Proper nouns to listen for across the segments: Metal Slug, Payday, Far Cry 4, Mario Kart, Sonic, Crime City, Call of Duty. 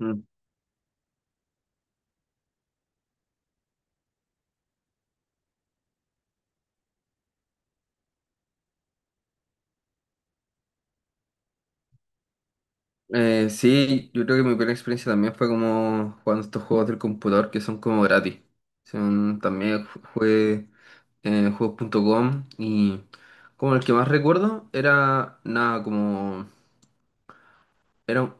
Mm. Sí, yo creo que mi primera experiencia también fue como jugando estos juegos del computador que son como gratis. También jugué juegos.com y como el que más recuerdo era nada como. Era un,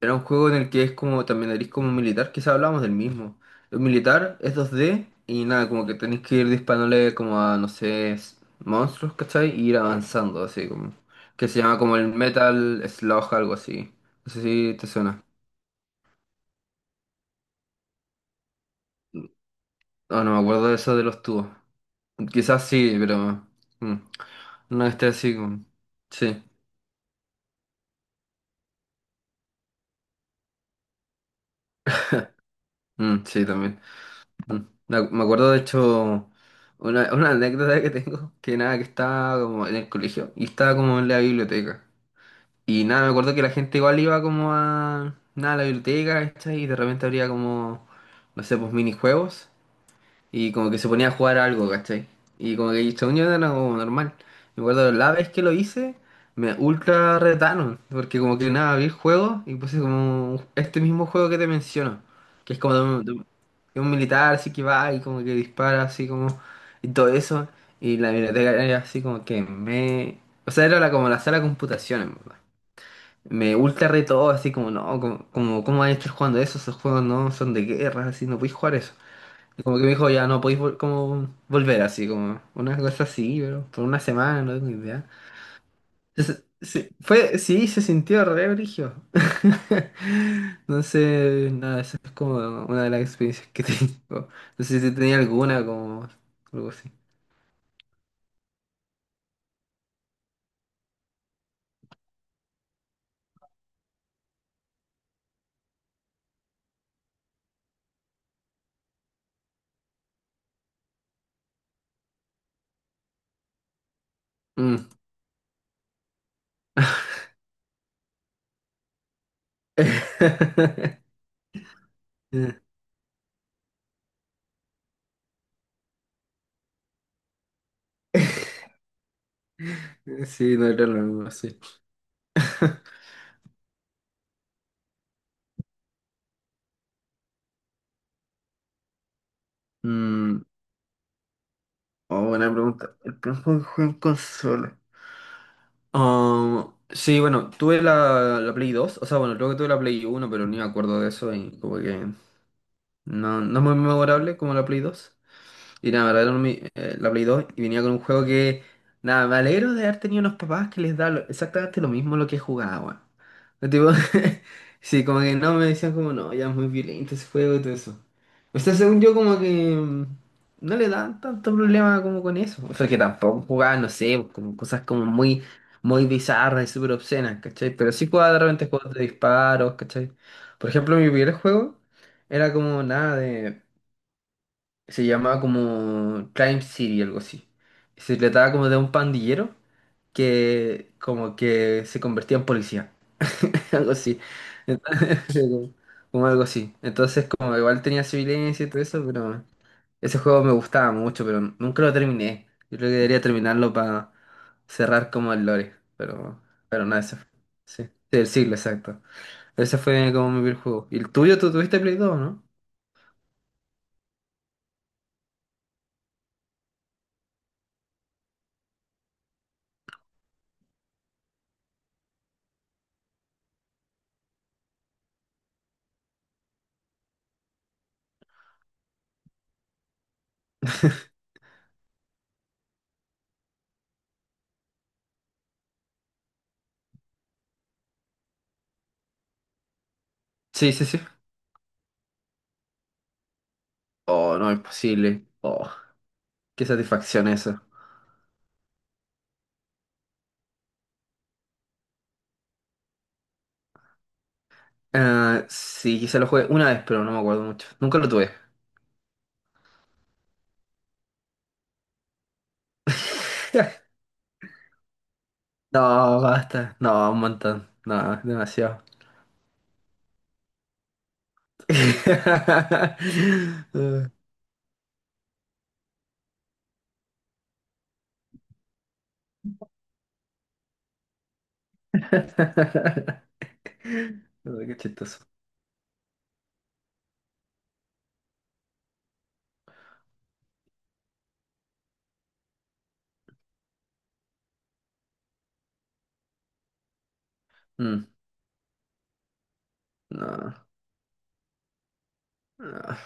Era un juego en el que es como también eres como un militar, quizá hablamos del mismo. El militar es 2D y nada, como que tenés que ir disparándole como a, no sé, monstruos, ¿cachai? Y ir avanzando, así como. Que se llama como el Metal Slug, algo así. No sé si te suena. No, no me acuerdo de eso de los tubos. Quizás sí, pero mm, no esté así como. Sí, mm, sí, también. Mm. Me acuerdo de hecho una anécdota que tengo, que nada, que estaba como en el colegio y estaba como en la biblioteca. Y nada, me acuerdo que la gente igual iba como a, nada, a la biblioteca, ¿cachai? Y de repente habría como, no sé, pues minijuegos. Y como que se ponía a jugar algo, ¿cachai? Y como que según yo era como normal. Me acuerdo la vez que lo hice, me ultra retaron. Porque como que nada, vi el juego y puse como este mismo juego que te menciono. Que es como de un militar así que va y como que dispara así como... Y todo eso. Y la biblioteca era así como que me... O sea, era la, como la sala de computación, en verdad. Me ultra retó así como, no, como, ¿cómo vas a estar jugando eso? Esos juegos no son de guerra, así no puedes jugar eso. Y como que me dijo, ya no podéis como volver así, como una cosa así, pero por una semana, no tengo idea. Entonces, sí, fue, sí, se sintió re brígido. Entonces, nada, esa es como una de las experiencias que tengo. No sé si tenía alguna, como algo así. Mm. Sí, no era lo mismo, sí. Mm, oh, buena pregunta. El tiempo que jugué en consola. Ah, sí, bueno, tuve la Play 2, o sea, bueno, creo que tuve la Play 1 pero ni me acuerdo de eso y como que no, no es muy memorable como la Play 2. Y nada, me regalaron la Play 2 y venía con un juego que, nada, me alegro de haber tenido unos papás que les da exactamente lo mismo lo que jugaba, weón. No, tipo, sí, como que no, me decían como, no, ya es muy violento ese juego y todo eso. O sea, según yo, como que no le dan tanto problema como con eso. O sea, que tampoco jugaba, no sé, pues, como cosas como muy, muy bizarras y súper obscenas, ¿cachai? Pero sí jugaba de repente juegos de disparos, ¿cachai? Por ejemplo, mi primer juego era como nada de, se llamaba como Crime City, algo así. Y se trataba como de un pandillero que como que se convertía en policía, algo así. Entonces, como, como algo así. Entonces, como igual tenía su violencia y todo eso, pero ese juego me gustaba mucho, pero nunca lo terminé. Yo creo que debería terminarlo para cerrar como el lore, pero nada, eso fue. Sí, sí, el siglo, exacto. Ese fue como mi primer juego. ¿Y el tuyo? ¿Tú tuviste Play 2, no? Sí, sí, sí. Oh, no, imposible. Oh. Qué satisfacción eso. Ah, sí, quizá lo jugué una vez, pero no me acuerdo mucho. Nunca lo tuve. No, basta. No, un montón. No, demasiado. Ay, qué chistoso. Mm, no, no,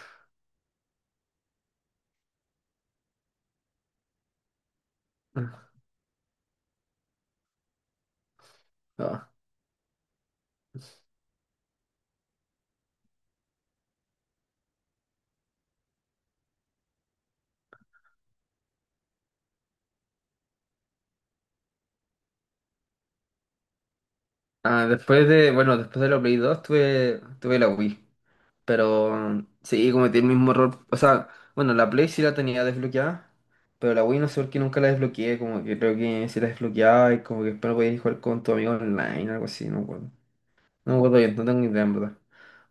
no. Ah, después de, bueno, después de la Play 2 tuve la Wii. Pero sí, cometí el mismo error. O sea, bueno, la Play sí la tenía desbloqueada, pero la Wii no sé por qué nunca la desbloqueé. Como que creo que sí la desbloqueaba y como que después no podías jugar con tu amigo online, algo así, no me acuerdo. No me acuerdo bien, no tengo ni idea en verdad.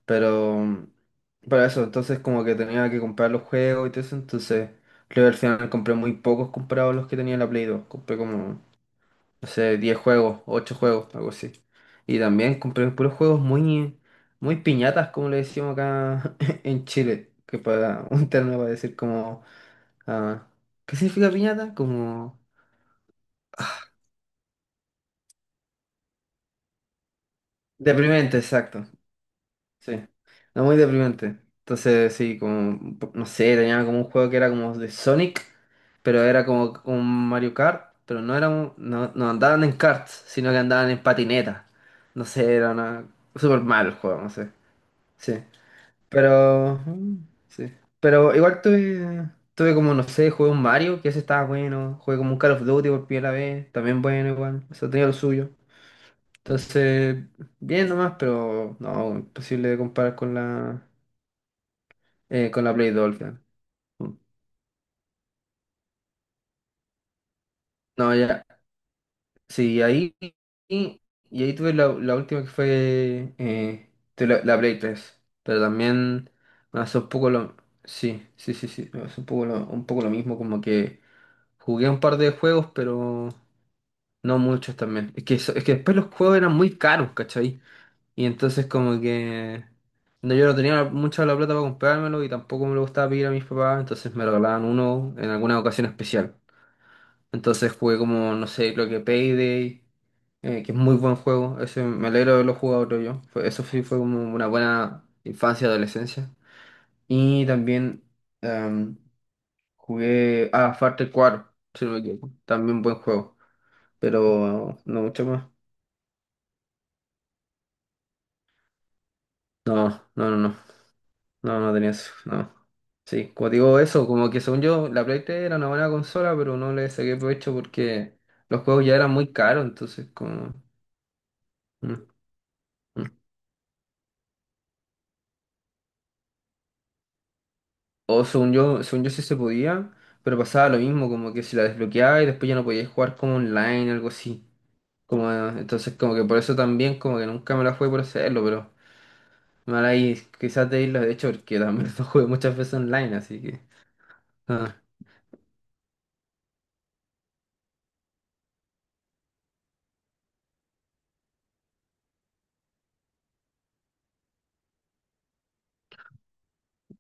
Pero, pero eso, entonces como que tenía que comprar los juegos y todo eso, entonces creo que al final compré muy pocos comprados los que tenía en la Play 2. Compré como, no sé, 10 juegos, 8 juegos, algo así. Y también compré puros juegos muy, muy piñatas, como le decimos acá en Chile, que para un término para decir como, ah, ¿qué significa piñata? Como deprimente, exacto, sí, no muy deprimente. Entonces, sí, como, no sé, tenía como un juego que era como de Sonic, pero era como un Mario Kart, pero no, no andaban en karts, sino que andaban en patinetas. No sé, era una, súper mal el juego, no sé, sí. Pero, sí. Pero igual tuve como, no sé, jugué un Mario, que ese estaba bueno. Jugué como un Call of Duty por primera vez, también bueno igual. Eso tenía lo suyo. Entonces, bien nomás, pero no, imposible de comparar con la Play 2. Al final. Mm. No, ya. Sí, ahí, y, y ahí tuve la última que fue, tuve la Play 3. Pero también me hace un poco lo... Sí, sí, sí, sí. Me hace un poco lo mismo, como que... Jugué un par de juegos, pero no muchos también. Es que después los juegos eran muy caros, ¿cachai? Y entonces como que... No, yo no tenía mucha la plata para comprármelo y tampoco me lo gustaba pedir a mis papás, entonces me regalaban uno en alguna ocasión especial. Entonces jugué como, no sé, creo que Payday, que es muy buen juego. Ese, me alegro de haberlo jugado creo yo. Eso sí fue como una buena infancia, adolescencia. Y también em, jugué a Far Cry 4, si no me equivoco. También buen juego, pero no mucho más. No, no, no, no, no, no tenía eso, no. Sí, como digo eso, como que según yo, la Play 3 era una buena consola, pero no le saqué provecho porque los juegos ya eran muy caros, entonces como... mm, mm. O según yo sí se podía, pero pasaba lo mismo, como que si la desbloqueaba y después ya no podías jugar como online, algo así. Como, entonces como que por eso también como que nunca me la jugué por hacerlo, pero mal ahí quizás de irlo de hecho porque también lo jugué muchas veces online, así que... ah,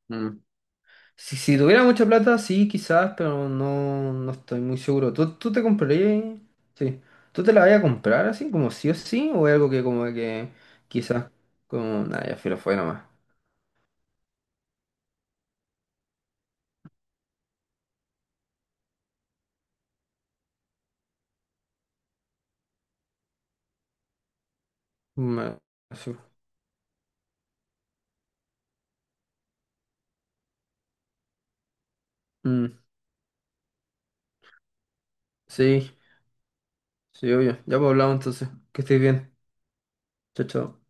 mm. Si, si tuviera mucha plata, sí, quizás, pero no, no estoy muy seguro. ¿Tú te comprarías? Sí. ¿Tú te la vas a comprar así, como sí o sí? ¿O es algo que como que quizás como... Nada, ya filo, fue nomás. Mm, eso. Mm, sí, sí, obvio. Ya pues hablamos entonces. Que estés bien. Chao, chao.